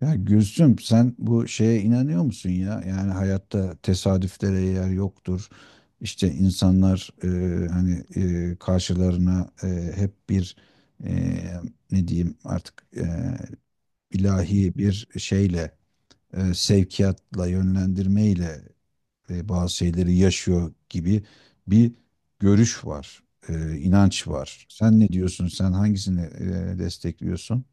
Ya Gülsüm sen bu şeye inanıyor musun ya? Yani hayatta tesadüflere yer yoktur. İşte insanlar hani karşılarına hep bir e, ne diyeyim artık ilahi bir şeyle sevkiyatla yönlendirmeyle bazı şeyleri yaşıyor gibi bir görüş var, inanç var. Sen ne diyorsun? Sen hangisini destekliyorsun?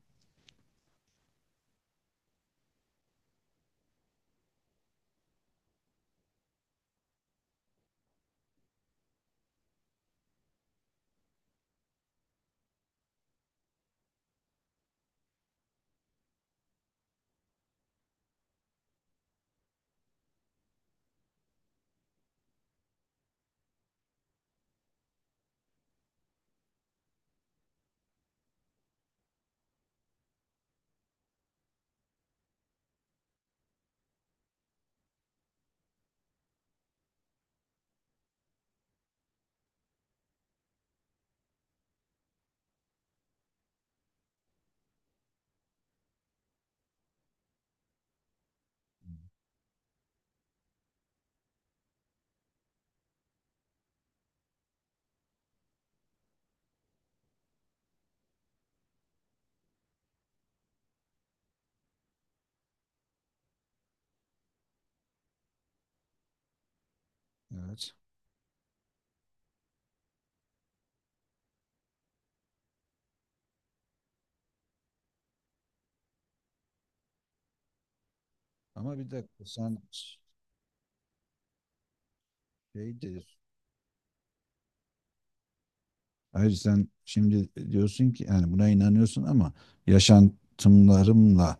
Evet. Ama bir dakika sen şey dedi, Hayır sen şimdi diyorsun ki yani buna inanıyorsun ama yaşantımlarımla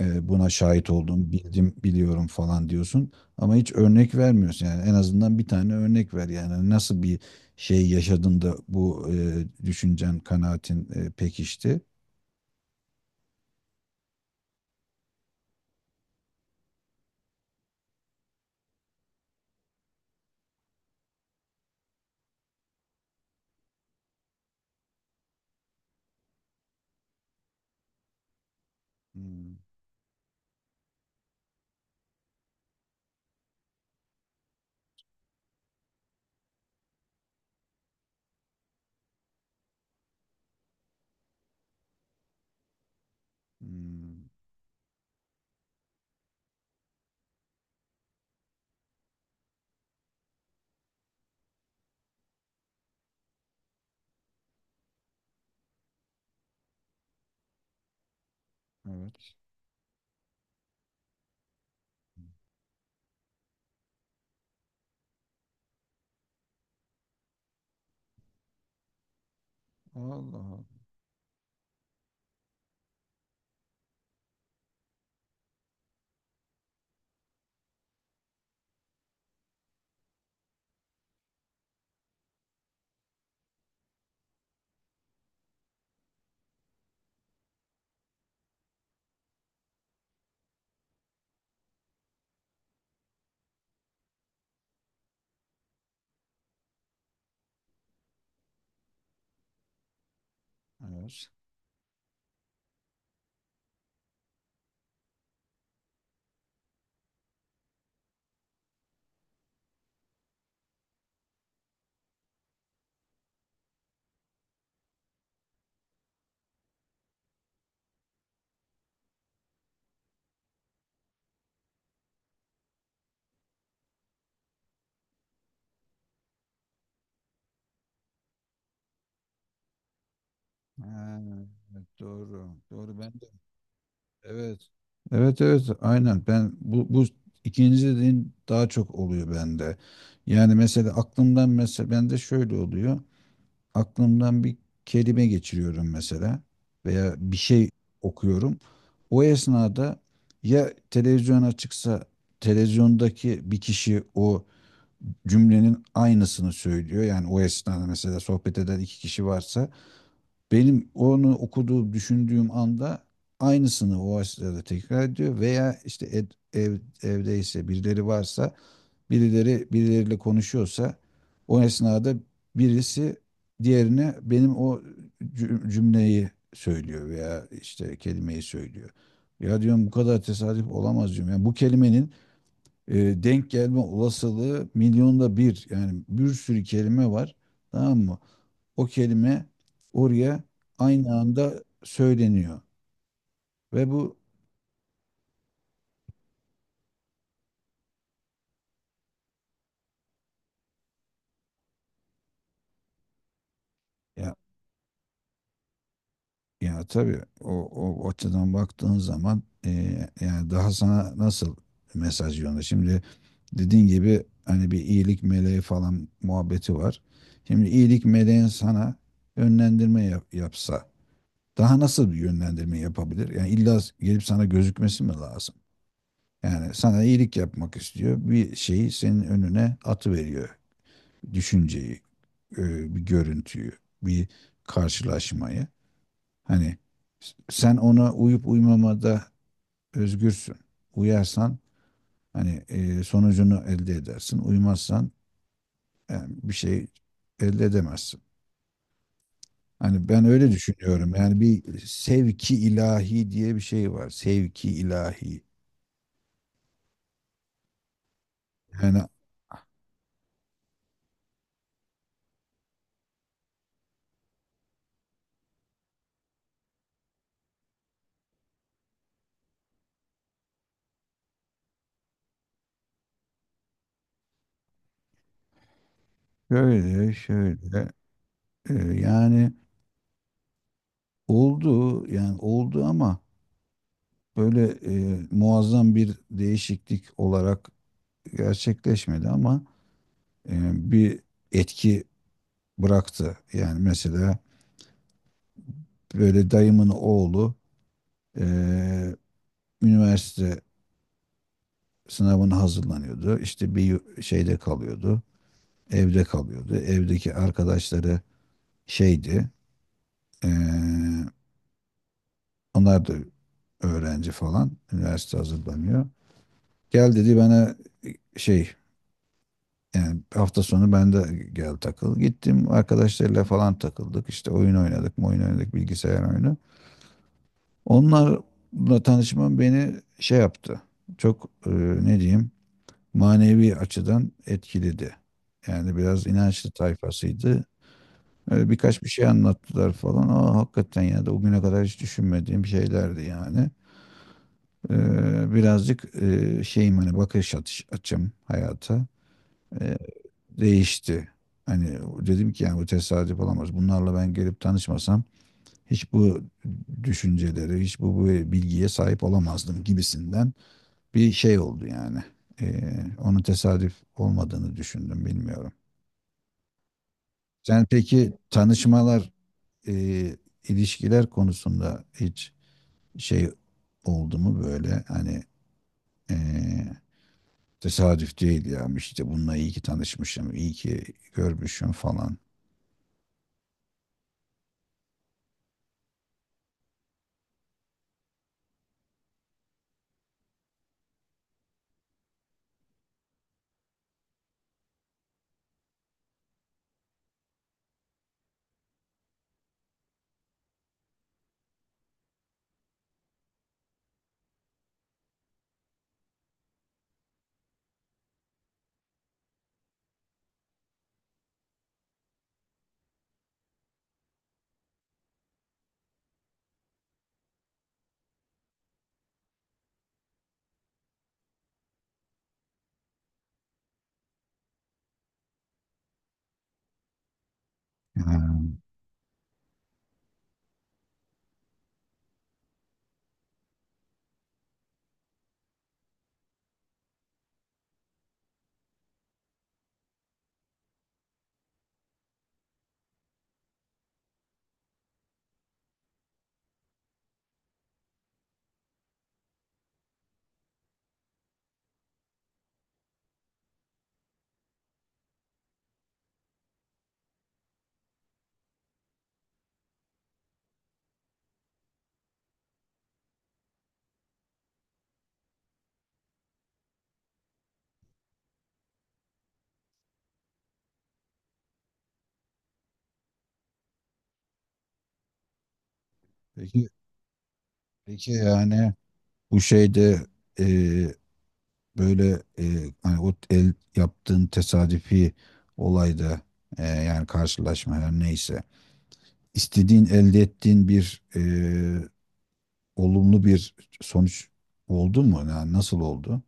buna şahit oldum, bildim, biliyorum falan diyorsun ama hiç örnek vermiyorsun. Yani en azından bir tane örnek ver. Yani nasıl bir şey yaşadın da bu düşüncen, kanaatin pekişti? Hmm. Hmm, evet. Allah Allah. Evet. Ha, evet, doğru. Doğru ben de. Evet. Evet, evet, aynen. Ben bu ikinci dediğin daha çok oluyor bende. Yani mesela aklımdan mesela bende şöyle oluyor. Aklımdan bir kelime geçiriyorum mesela veya bir şey okuyorum. O esnada ya televizyon açıksa televizyondaki bir kişi o cümlenin aynısını söylüyor. Yani o esnada mesela sohbet eden iki kişi varsa benim onu okuduğum, düşündüğüm anda aynısını o esnada tekrar ediyor veya işte ev, evdeyse birileri varsa birileri birileriyle konuşuyorsa o esnada birisi diğerine benim o cümleyi söylüyor veya işte kelimeyi söylüyor. Ya diyorum bu kadar tesadüf olamaz diyorum. Yani bu kelimenin e, denk gelme olasılığı milyonda bir. Yani bir sürü kelime var. Tamam mı? O kelime oraya aynı anda söyleniyor. Ve bu ya, ya tabii o, o açıdan baktığın zaman yani daha sana nasıl mesaj yolunda. Şimdi dediğin gibi hani bir iyilik meleği falan muhabbeti var. Şimdi iyilik meleğin sana yapsa daha nasıl bir yönlendirme yapabilir? Yani illa gelip sana gözükmesi mi lazım? Yani sana iyilik yapmak istiyor. Bir şeyi senin önüne atı veriyor. Düşünceyi, bir görüntüyü, bir karşılaşmayı. Hani sen ona uyup uymamada özgürsün. Uyarsan hani sonucunu elde edersin. Uymazsan yani bir şey elde edemezsin. Hani ben öyle düşünüyorum. Yani bir sevki ilahi diye bir şey var. Sevki ilahi. Yani şöyle şöyle e, yani oldu ama böyle muazzam bir değişiklik olarak gerçekleşmedi ama e, bir etki bıraktı. Yani mesela böyle dayımın oğlu eee, üniversite sınavına hazırlanıyordu. İşte şeyde kalıyordu. Evde kalıyordu. Evdeki arkadaşları şeydi. eee, onlar da öğrenci falan. Üniversite hazırlanıyor. Gel dedi bana şey yani hafta sonu ben de gel takıl. Gittim arkadaşlarıyla falan takıldık. İşte oyun oynadık bilgisayar oyunu. Onlarla tanışmam beni şey yaptı. Çok ne diyeyim manevi açıdan etkiledi. Yani biraz inançlı tayfasıydı. Öyle birkaç bir şey anlattılar falan. Aa, hakikaten ya da o güne kadar hiç düşünmediğim şeylerdi yani. Birazcık şeyim hani açım hayata e, değişti. Hani dedim ki yani bu tesadüf olamaz. Bunlarla ben gelip tanışmasam hiç bu düşüncelere, bu bilgiye sahip olamazdım gibisinden bir şey oldu yani. Onun tesadüf olmadığını düşündüm bilmiyorum. Sen peki tanışmalar, e, ilişkiler konusunda hiç şey oldu mu böyle hani e, tesadüf değil ya işte bununla iyi ki tanışmışım, iyi ki görmüşüm falan. Ha, peki, peki yani bu şeyde e, böyle hani o el yaptığın tesadüfi olayda yani karşılaşma her neyse istediğin elde ettiğin bir olumlu bir sonuç oldu mu? Yani nasıl oldu?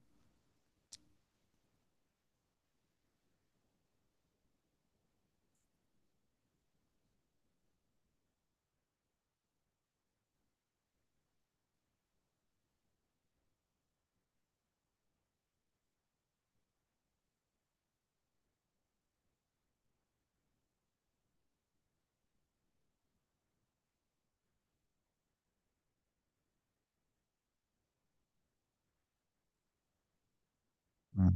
Hı.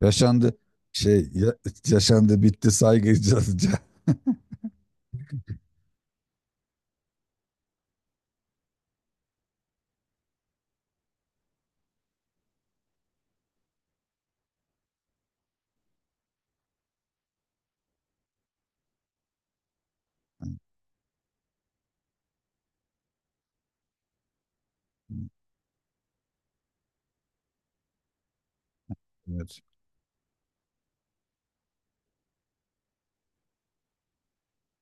Yaşandı şey ya- yaşandı bitti saygı saygıca. Evet.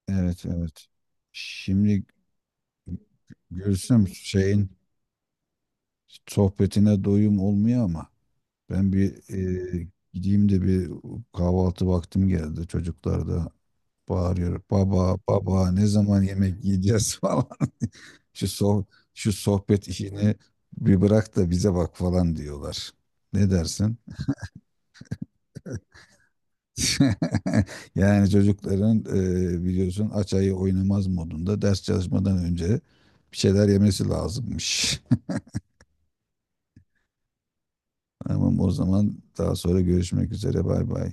Evet, evet. Şimdi görürsem şeyin sohbetine doyum olmuyor ama ben bir e, gideyim de bir kahvaltı vaktim geldi. Çocuklar da bağırıyor. Baba, baba ne zaman yemek yiyeceğiz falan. Şu soh- şu sohbet işini bir bırak da bize bak falan diyorlar. Ne dersin? Yani çocukların biliyorsun aç ayı oynamaz modunda ders çalışmadan önce bir şeyler yemesi lazımmış. Tamam o zaman daha sonra görüşmek üzere. Bay bay.